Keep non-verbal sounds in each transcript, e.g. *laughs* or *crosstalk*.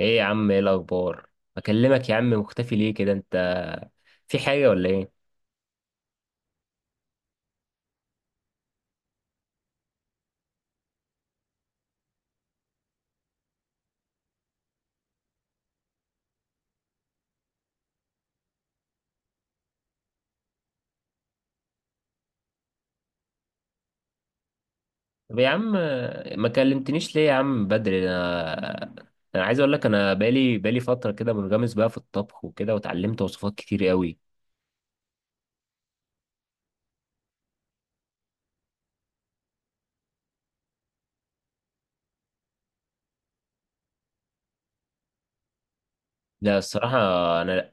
ايه يا عم، ايه الاخبار؟ اكلمك يا عم، مختفي ليه كده انت؟ في حاجه ولا ايه؟ طب يا عم، ما كلمتنيش ليه يا عم بدري انا؟ انا عايز اقول لك، انا بقالي فتره كده منغمس بقى في الطبخ وكده، وتعلمت وصفات كتير قوي. لا، الصراحه انا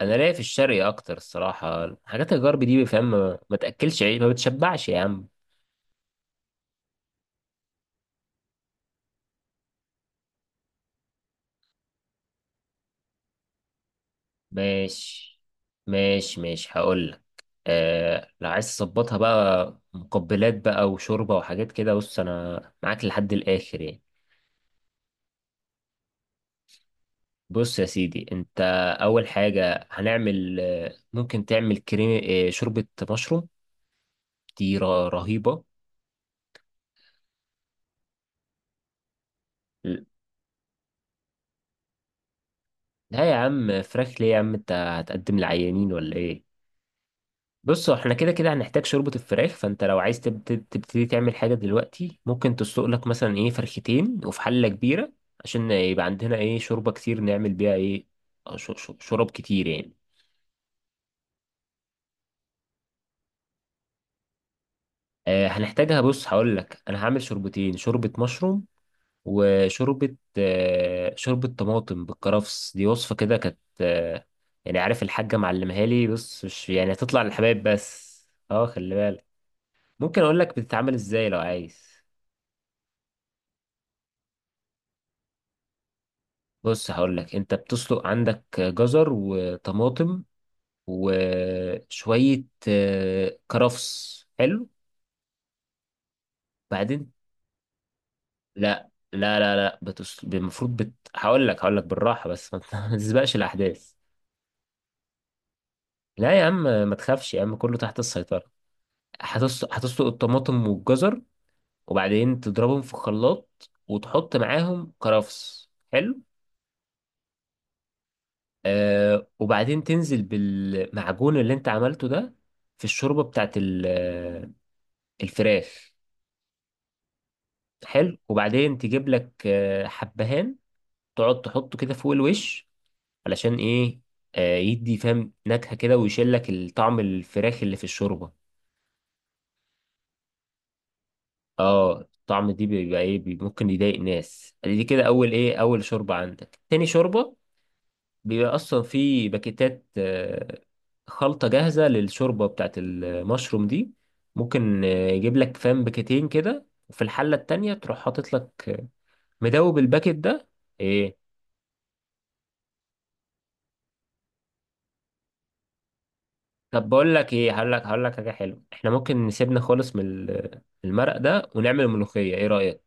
انا لاقي في الشرقي اكتر الصراحه، حاجات الغرب دي فاهم، ما تاكلش عيش، ما بتشبعش يا عم. ماشي ماشي ماشي، هقول لك. آه، لو عايز تظبطها بقى مقبلات بقى وشوربة وحاجات كده، بص أنا معاك لحد الآخر يعني. بص يا سيدي، أنت أول حاجة هنعمل ممكن تعمل كريم شوربة مشروم، دي رهيبة. لا يا عم، فراخ ليه يا عم؟ أنت هتقدم لعيانين ولا إيه؟ بص، هو احنا كده كده هنحتاج شوربة الفراخ، فانت لو عايز تبتدي تعمل حاجة دلوقتي ممكن تسلق لك مثلا ايه فرختين وفي حلة كبيرة، عشان يبقى عندنا ايه شوربة كتير نعمل بيها ايه. شرب كتير يعني. آه، هنحتاجها. بص هقول لك، انا هعمل شوربتين: شوربة مشروم، وشوربة شوربة طماطم بالكرفس. دي وصفة كده كانت. يعني عارف الحاجة معلمها لي، بص مش يعني هتطلع للحبايب بس. اه، خلي بالك. ممكن اقول لك بتتعمل ازاي لو عايز. بص هقول لك، انت بتسلق عندك جزر وطماطم وشوية كرفس حلو، بعدين. لا لا لا لا بتس... المفروض بت... هقول لك بالراحة، بس ما ت- *laughs* ما تسبقش الأحداث. لا يا عم، ما تخافش يا عم، كله تحت السيطرة. هتسلق الطماطم والجزر، وبعدين تضربهم في خلاط وتحط معاهم كرفس حلو. وبعدين تنزل بالمعجون اللي انت عملته ده في الشوربة بتاعت الفراخ. حلو، وبعدين تجيب لك حبهان، تقعد تحطه كده فوق الوش. علشان ايه؟ يدي فاهم نكهة كده، ويشيل لك الطعم الفراخ اللي في الشوربة. اه، الطعم دي بيبقى ايه ممكن يضايق ناس. دي كده اول ايه اول شوربة عندك. تاني شوربة بيبقى اصلا في باكيتات خلطة جاهزة للشوربة بتاعت المشروم دي. ممكن يجيب لك فاهم باكيتين كده، وفي الحلة التانية تروح حاطط لك مدوب الباكيت ده. إيه، طب بقول لك ايه، هقول لك حاجه حلوه، احنا ممكن نسيبنا خالص من المرق ده ونعمل الملوخيه، ايه رايك؟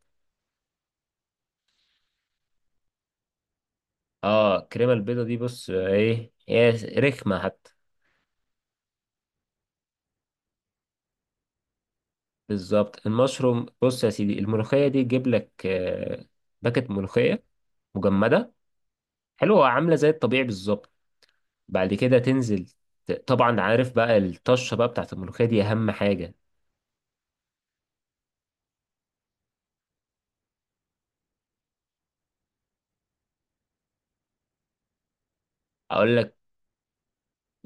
اه، الكريمه البيضه دي بص ايه هي رخمه حتى. بالظبط المشروم. بص يا سيدي، الملوخيه دي تجيب لك باكت ملوخيه مجمده حلوه عامله زي الطبيعي بالظبط. بعد كده تنزل، طبعا عارف بقى الطشه بقى بتاعت الملوخيه دي اهم حاجه. اقول لك: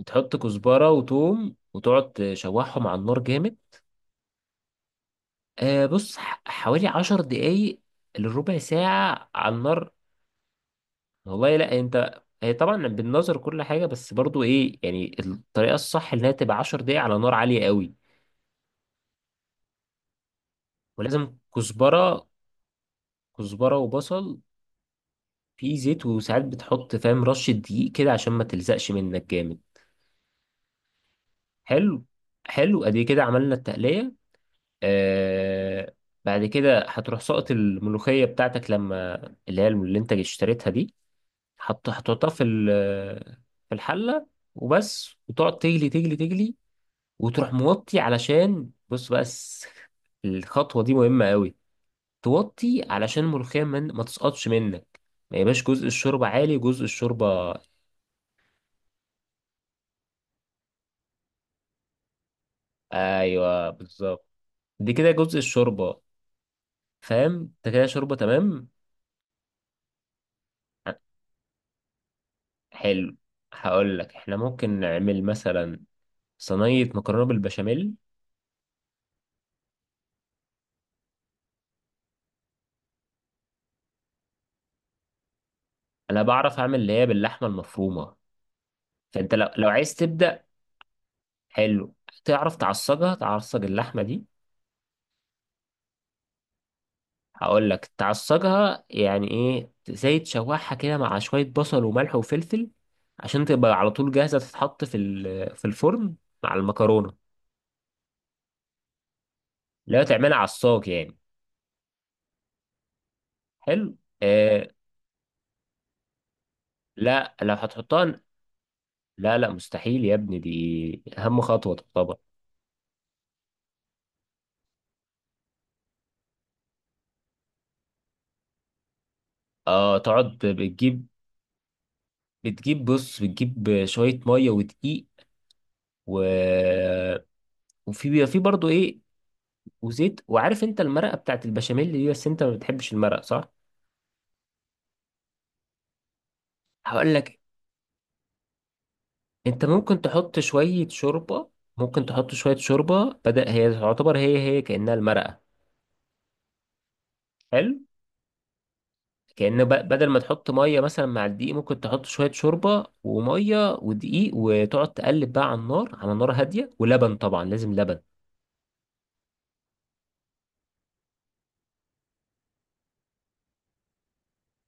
تحط كزبره وتوم وتقعد تشوحهم على النار جامد. بص حوالي 10 دقايق لربع ساعة على النار. والله لا، انت هي طبعا بالنظر كل حاجة، بس برضو ايه يعني الطريقة الصح انها تبقى 10 دقايق على نار عالية قوي. ولازم كزبرة. كزبرة وبصل. في زيت، وساعات بتحط فاهم رشة دقيق كده عشان ما تلزقش منك جامد. حلو. حلو، ادي كده عملنا التقلية. آه بعد كده هتروح سقط الملوخية بتاعتك، لما اللي انت اشتريتها دي، هتحطها في في الحلة وبس، وتقعد تجلي تجلي تجلي، وتروح موطي. علشان بص بس، *laughs* الخطوة دي مهمة قوي، توطي علشان الملوخية من ما تسقطش منك، ما يبقاش جزء الشوربة عالي وجزء الشوربة. ايوه بالظبط، دي كده جزء الشوربة فاهم. انت كده شوربة تمام. حلو، هقول لك احنا ممكن نعمل مثلا صينية مكرونة بالبشاميل. انا بعرف اعمل اللي هي باللحمة المفرومة. فانت لو عايز تبدأ، حلو، تعرف تعصجها؟ تعصج اللحمة دي. هقول لك تعصجها، يعني ايه زي تشوحها كده مع شوية بصل وملح وفلفل، عشان تبقى على طول جاهزة تتحط في في الفرن مع المكرونة. لا، تعملها عصاج يعني. حلو. آه لا، لو هتحطها، لا لا مستحيل يا ابني، دي أهم خطوة تعتبر. اه، تقعد بتجيب بص بتجيب شوية مية ودقيق، و وفي بيبقى في برضه ايه، وزيت. وعارف انت المرقه بتاعت البشاميل دي، بس انت ما بتحبش المرقه صح. هقول لك انت ممكن تحط شويه شوربه. ممكن تحط شويه شوربه بدل، هي تعتبر هي كانها المرقه. حلو. كأن بدل ما تحط ميه مثلا مع الدقيق، ممكن تحط شويه شوربه وميه ودقيق، وتقعد تقلب بقى على النار، على نار هاديه، ولبن طبعا لازم لبن.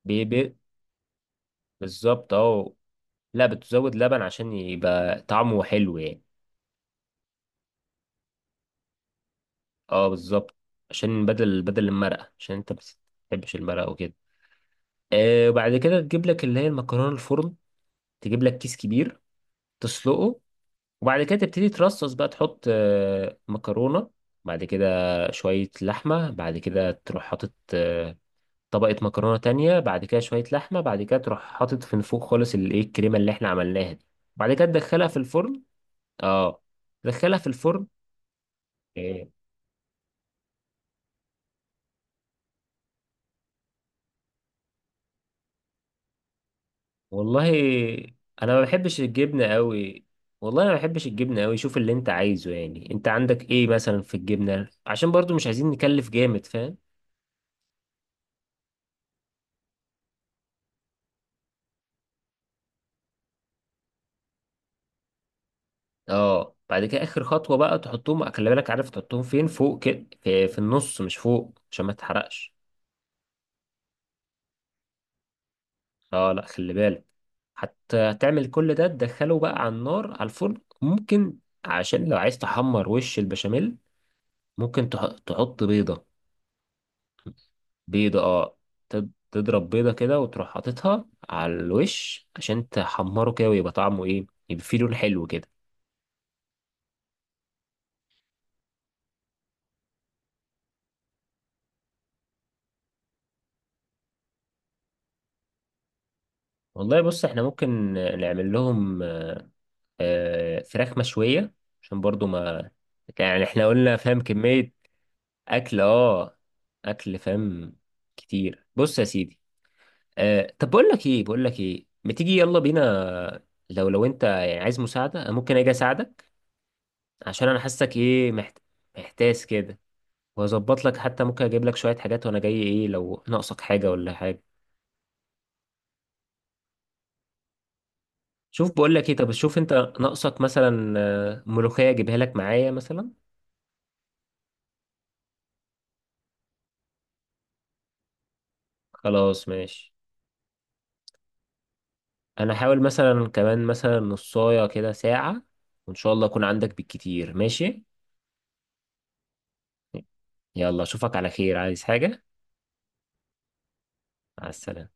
بي بي بالظبط اه. لا، بتزود لبن عشان يبقى طعمه حلو يعني. اه بالظبط، عشان بدل المرقه، عشان انت بس تحبش المرقة وكده. وبعد كده تجيب لك اللي هي المكرونه الفرن، تجيب لك كيس كبير تسلقه، وبعد كده تبتدي ترصص بقى، تحط مكرونه، بعد كده شويه لحمه، بعد كده تروح حاطط طبقه مكرونه تانية، بعد كده شويه لحمه، بعد كده تروح حاطط في فوق خالص الكريمه اللي احنا عملناها دي، بعد كده تدخلها في الفرن. اه، تدخلها في الفرن آه، والله انا ما بحبش الجبنه قوي. والله انا ما بحبش الجبنه قوي. شوف اللي انت عايزه يعني، انت عندك ايه مثلا في الجبنه، عشان برضو مش عايزين نكلف جامد فاهم. اه، بعد كده اخر خطوه بقى تحطهم، خلي بالك عارف تحطهم فين؟ فوق كده في النص، مش فوق، عشان ما تحرقش. اه لا، خلي بالك. حتى هتعمل كل ده تدخله بقى على النار، على الفرن ممكن. عشان لو عايز تحمر وش البشاميل، ممكن تحط بيضه. بيضة تضرب بيضة كده وتروح حاططها على الوش عشان تحمره كده، ويبقى طعمه ايه، يبقى فيه لون حلو كده. والله بص احنا ممكن نعمل لهم فراخ مشوية، عشان برضو ما يعني احنا قلنا فاهم كمية اكل. اه، اكل فاهم كتير. بص يا سيدي، طب بقول لك ايه ما تيجي يلا بينا. لو انت يعني عايز مساعدة، أنا ممكن اجي اساعدك، عشان انا حاسك محتاس كده. واظبط لك حتى ممكن اجيب لك شوية حاجات وانا جاي، ايه لو ناقصك حاجة ولا حاجة. شوف بقول لك ايه، طب شوف انت ناقصك مثلا ملوخية اجيبها لك معايا مثلا. خلاص ماشي. انا هحاول مثلا كمان مثلا نصاية كده ساعة، وان شاء الله اكون عندك بالكتير ماشي. يلا، اشوفك على خير. عايز حاجة؟ مع السلامة.